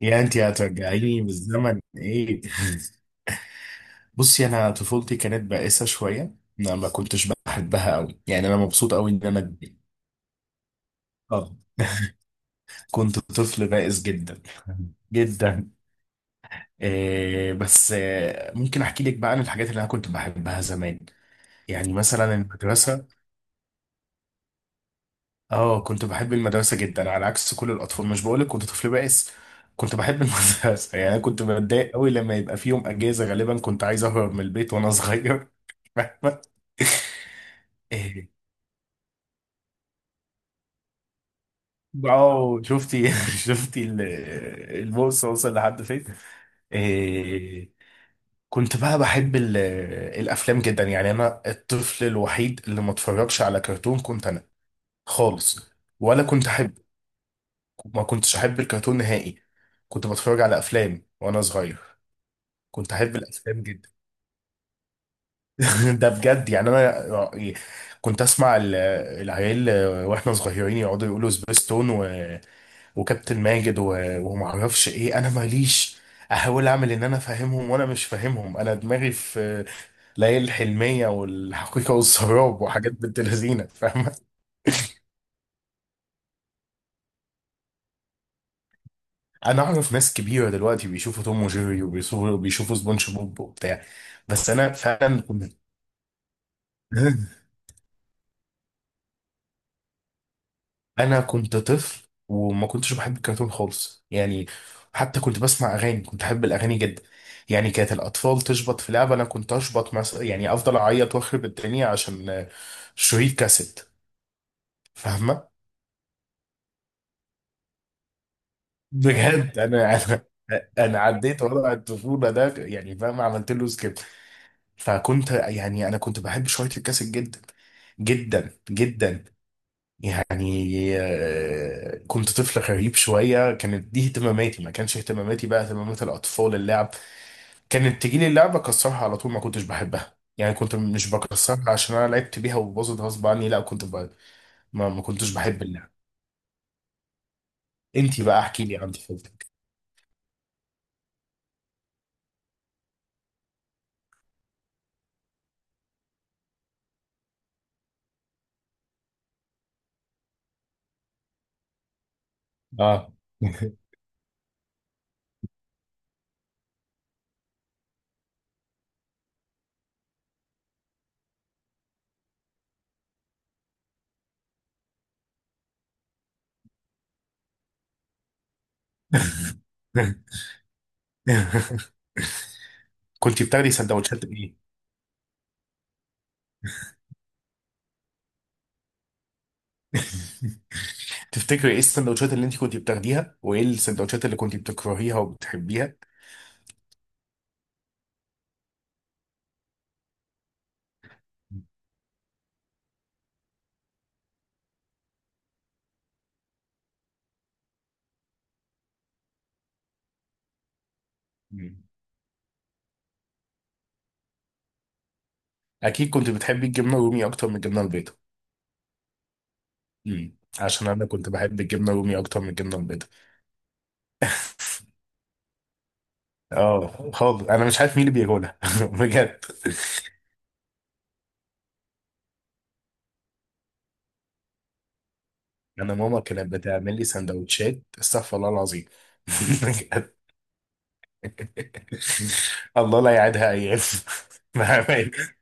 يا انت هترجعيني بالزمن ايه؟ بصي، انا طفولتي كانت بائسه شويه، انا ما كنتش بحبها قوي، يعني انا مبسوط قوي ان انا كبير. اه. كنت طفل بائس جدا جدا. إيه بس، ممكن احكي لك بقى عن الحاجات اللي انا كنت بحبها زمان. يعني مثلا المدرسه. اه، كنت بحب المدرسة جدا على عكس كل الأطفال، مش بقولك كنت طفل بائس؟ كنت بحب المدرسة. يعني أنا كنت بتضايق قوي لما يبقى في يوم أجازة، غالبا كنت عايز أهرب من البيت وأنا صغير، فاهمة؟ إيه. اه شفتي، شفتي البورصة وصل لحد فين؟ إيه. كنت بقى بحب الأفلام جدا، يعني أنا الطفل الوحيد اللي ما اتفرجش على كرتون، كنت أنا خالص. ولا كنت أحب، ما كنتش احب الكرتون نهائي، كنت بتفرج على افلام وانا صغير، كنت احب الافلام جدا. ده بجد، يعني انا كنت اسمع العيال واحنا صغيرين، يقعدوا يقولوا سبيستون و... وكابتن ماجد و... وما اعرفش ايه، انا ماليش، احاول اعمل ان انا فاهمهم وانا مش فاهمهم، انا دماغي في ليالي الحلمية والحقيقة والسراب وحاجات بنت لذينة، فاهمة؟ انا اعرف ناس كبيره دلوقتي بيشوفوا توم وجيري، وبيشوفوا بيشوفوا سبونج بوب وبتاع. بس انا فعلا كنت. انا كنت طفل وما كنتش بحب الكرتون خالص يعني. حتى كنت بسمع اغاني، كنت احب الاغاني جدا. يعني كانت الاطفال تشبط في لعبه، انا كنت اشبط مثلا، يعني افضل اعيط واخرب الدنيا عشان شريط كاسيت، فاهمه؟ بجد انا عديت وضع الطفوله ده، يعني فاهم، عملت له سكيب. فكنت، يعني انا كنت بحب شريط الكاسيت جدا جدا جدا. يعني كنت طفل غريب شوية، كانت دي اهتماماتي، ما كانش اهتماماتي بقى اهتمامات الأطفال، اللعب كانت تجيلي اللعبة أكسرها على طول، ما كنتش بحبها، يعني كنت مش بكسرها عشان أنا لعبت بيها وباظت غصب عني، لا، ما كنتش بحب اللعب. انتي بقى احكي لي عن طفولتك. اه. كنت بتاخدي سندوتشات ايه؟ تفتكري ايه السندوتشات اللي انت كنت بتاخديها وايه السندوتشات اللي كنت بتكرهيها وبتحبيها؟ اكيد كنت بتحبي الجبنه الرومي اكتر من الجبنه البيضاء. عشان انا كنت بحب الجبنه الرومي اكتر من الجبنه البيضاء. اه خالص، انا مش عارف مين اللي بياكلها. بجد. انا ماما كانت بتعمل لي سندوتشات، استغفر الله العظيم. بجد. الله لا يعيدها ايام.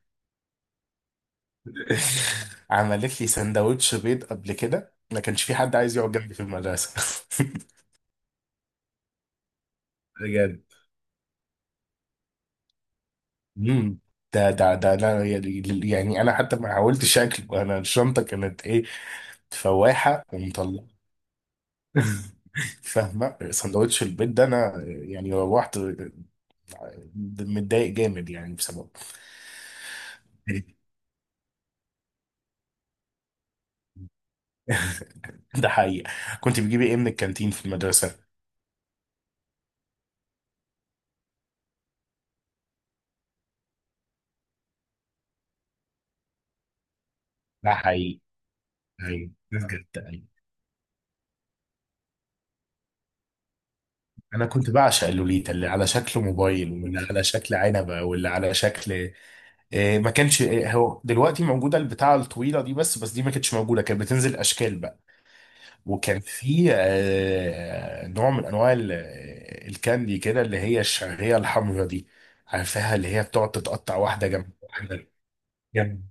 عملت لي سندوتش بيض قبل كده، ما كانش في حد عايز يقعد جنبي في المدرسه. بجد. امم ده انا، يعني انا حتى ما حاولتش اكله، انا الشنطه كانت ايه، فواحه ومطلعه. فاهمه؟ سندوتش البيت ده، انا يعني روحت متضايق جامد يعني بسببه. ده حقيقي. كنت بتجيبي ايه من الكانتين في المدرسه؟ ده حقيقي، ايوه، ده بجد، ايوه. انا كنت بعشق اللوليتا اللي على شكل موبايل واللي على شكل عنبه واللي على شكل إيه، ما كانش إيه، هو دلوقتي موجوده البتاعه الطويله دي، بس دي ما كانتش موجوده، كانت بتنزل اشكال بقى. وكان في نوع من انواع الكاندي كده، اللي هي الشعريه الحمراء دي، عارفاها؟ اللي هي بتقعد تتقطع واحده جنب واحده، جنب.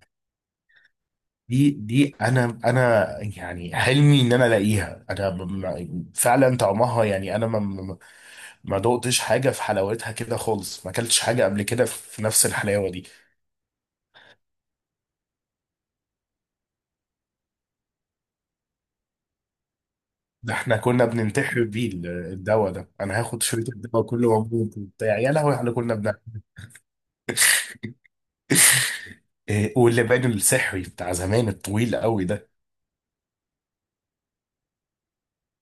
دي انا يعني حلمي ان انا الاقيها، انا فعلا طعمها، يعني انا، ما دقتش حاجه في حلاوتها كده خالص، ما اكلتش حاجه قبل كده في نفس الحلاوه دي. ده احنا كنا بننتحر بيه الدواء ده، انا هاخد شريط الدواء كله موجود وبتاع، يا لهوي احنا كنا بنعمل. إيه، واللبان السحري بتاع زمان الطويل قوي ده،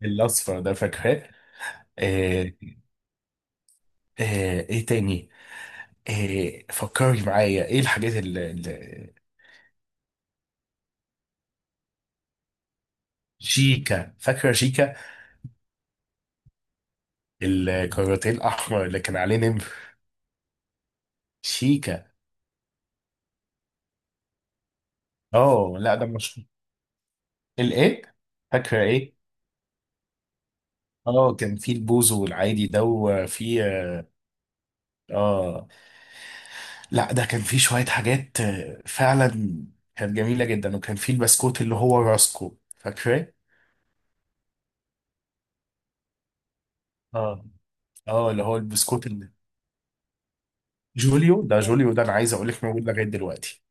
الاصفر ده، فاكراه؟ ايه, ايه تاني؟ ايه؟ فكري معايا، ايه الحاجات شيكا، فاكره شيكا؟ الكاراتيه الاحمر اللي كان عليه نمر، شيكا. اه لا، ده مش الايه، فاكره ايه؟ اه، كان في البوزو العادي ده، وفي، اه لا، ده كان فيه شوية حاجات فعلا كانت جميلة جدا، وكان فيه البسكوت اللي هو راسكو، فاكراه؟ اه اه، اللي هو البسكوت اللي، جوليو ده، جوليو ده انا عايز اقول لك موجود لغاية دلوقتي.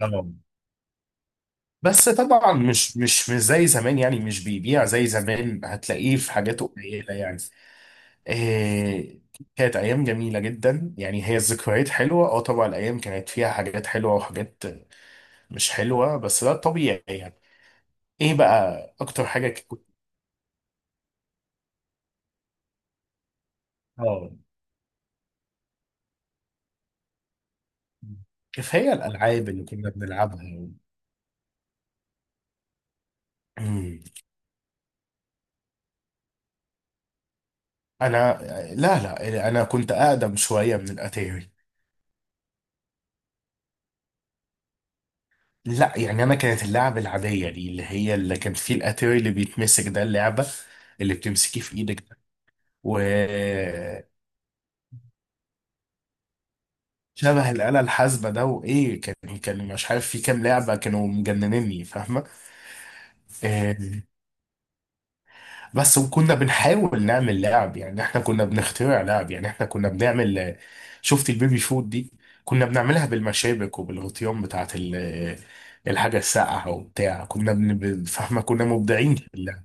اه بس طبعا مش زي زمان، يعني مش بيبيع زي زمان، هتلاقيه في حاجات قليلة يعني. إيه، كانت أيام جميلة جدا، يعني هي الذكريات حلوة. اه طبعا، الأيام كانت فيها حاجات حلوة وحاجات مش حلوة، بس ده الطبيعي يعني. ايه بقى أكتر حاجة كنت؟ اه، كيف هي الألعاب اللي كنا بنلعبها. أمم. أنا، لا لا، أنا كنت أقدم شوية من الأتاري. لا يعني أنا، كانت اللعبة العادية دي اللي هي اللي كان فيه الأتاري اللي بيتمسك ده، اللعبة اللي بتمسكيه في إيدك ده، و شبه الآلة الحاسبة ده. وإيه كان مش عارف في كام لعبة، كانوا مجننني، فاهمة؟ آه، بس، وكنا بنحاول نعمل لعب، يعني احنا كنا بنخترع لعب، يعني احنا كنا بنعمل، شفت البيبي فود دي؟ كنا بنعملها بالمشابك وبالغطيان بتاعت الحاجة الساقعة وبتاع، كنا فاهمة؟ كنا مبدعين في اللعب.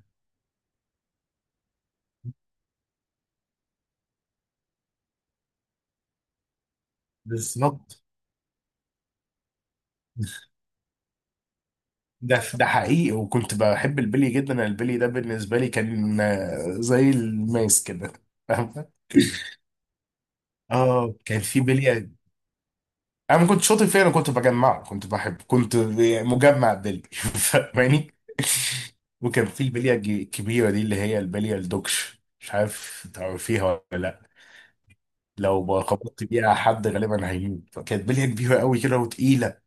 بالظبط، ده حقيقي. وكنت بحب البلي جدا، أنا البلي ده بالنسبة لي كان زي الماس كده، فاهمة؟ اه، كان في بلي، انا ما كنت شاطر فيه، انا كنت بجمعه، كنت بحب، كنت مجمع بلي. فاهماني؟ وكان في البليه الكبيره دي، اللي هي البليه الدوكش، مش عارف تعرفيها ولا لا، لو خبطت بيها حد غالبا هيموت، كانت بليه كبيره قوي كده وتقيله.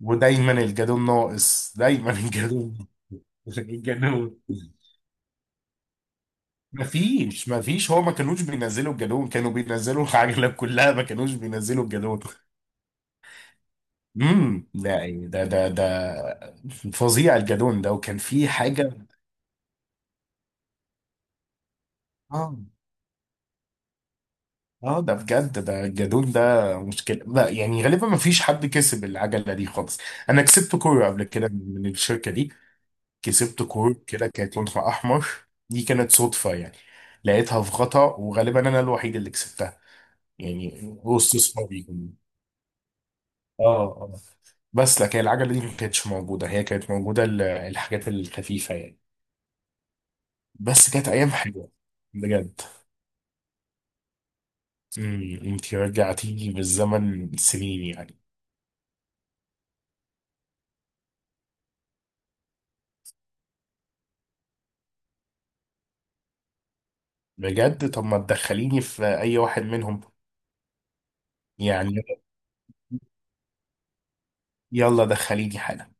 ودايما الجدون ناقص، دايما الجدون. الجدون. مفيش، هو ما كانوش بينزلوا الجالون، كانوا بينزلوا العجلة كلها، ما كانوش بينزلوا الجالون. لا يعني، ده فظيع الجالون ده، وكان في حاجة. اه اه، ده بجد، ده الجدول ده مشكلة، لا يعني غالبا ما فيش حد كسب العجلة دي خالص. انا كسبت كورة قبل كده من الشركة دي، كسبت كورة كده كانت لونها احمر، دي كانت صدفة يعني، لقيتها في غطا، وغالبا انا الوحيد اللي كسبتها، يعني وسط صحابي. اه اه، بس لكن العجلة دي ما كانتش موجودة، هي كانت موجودة الحاجات الخفيفة يعني. بس كانت ايام حلوة، بجد. انت رجعتيني بالزمن سنين يعني. بجد، طب ما تدخليني في اي واحد منهم، يعني، يلا دخليني حالا.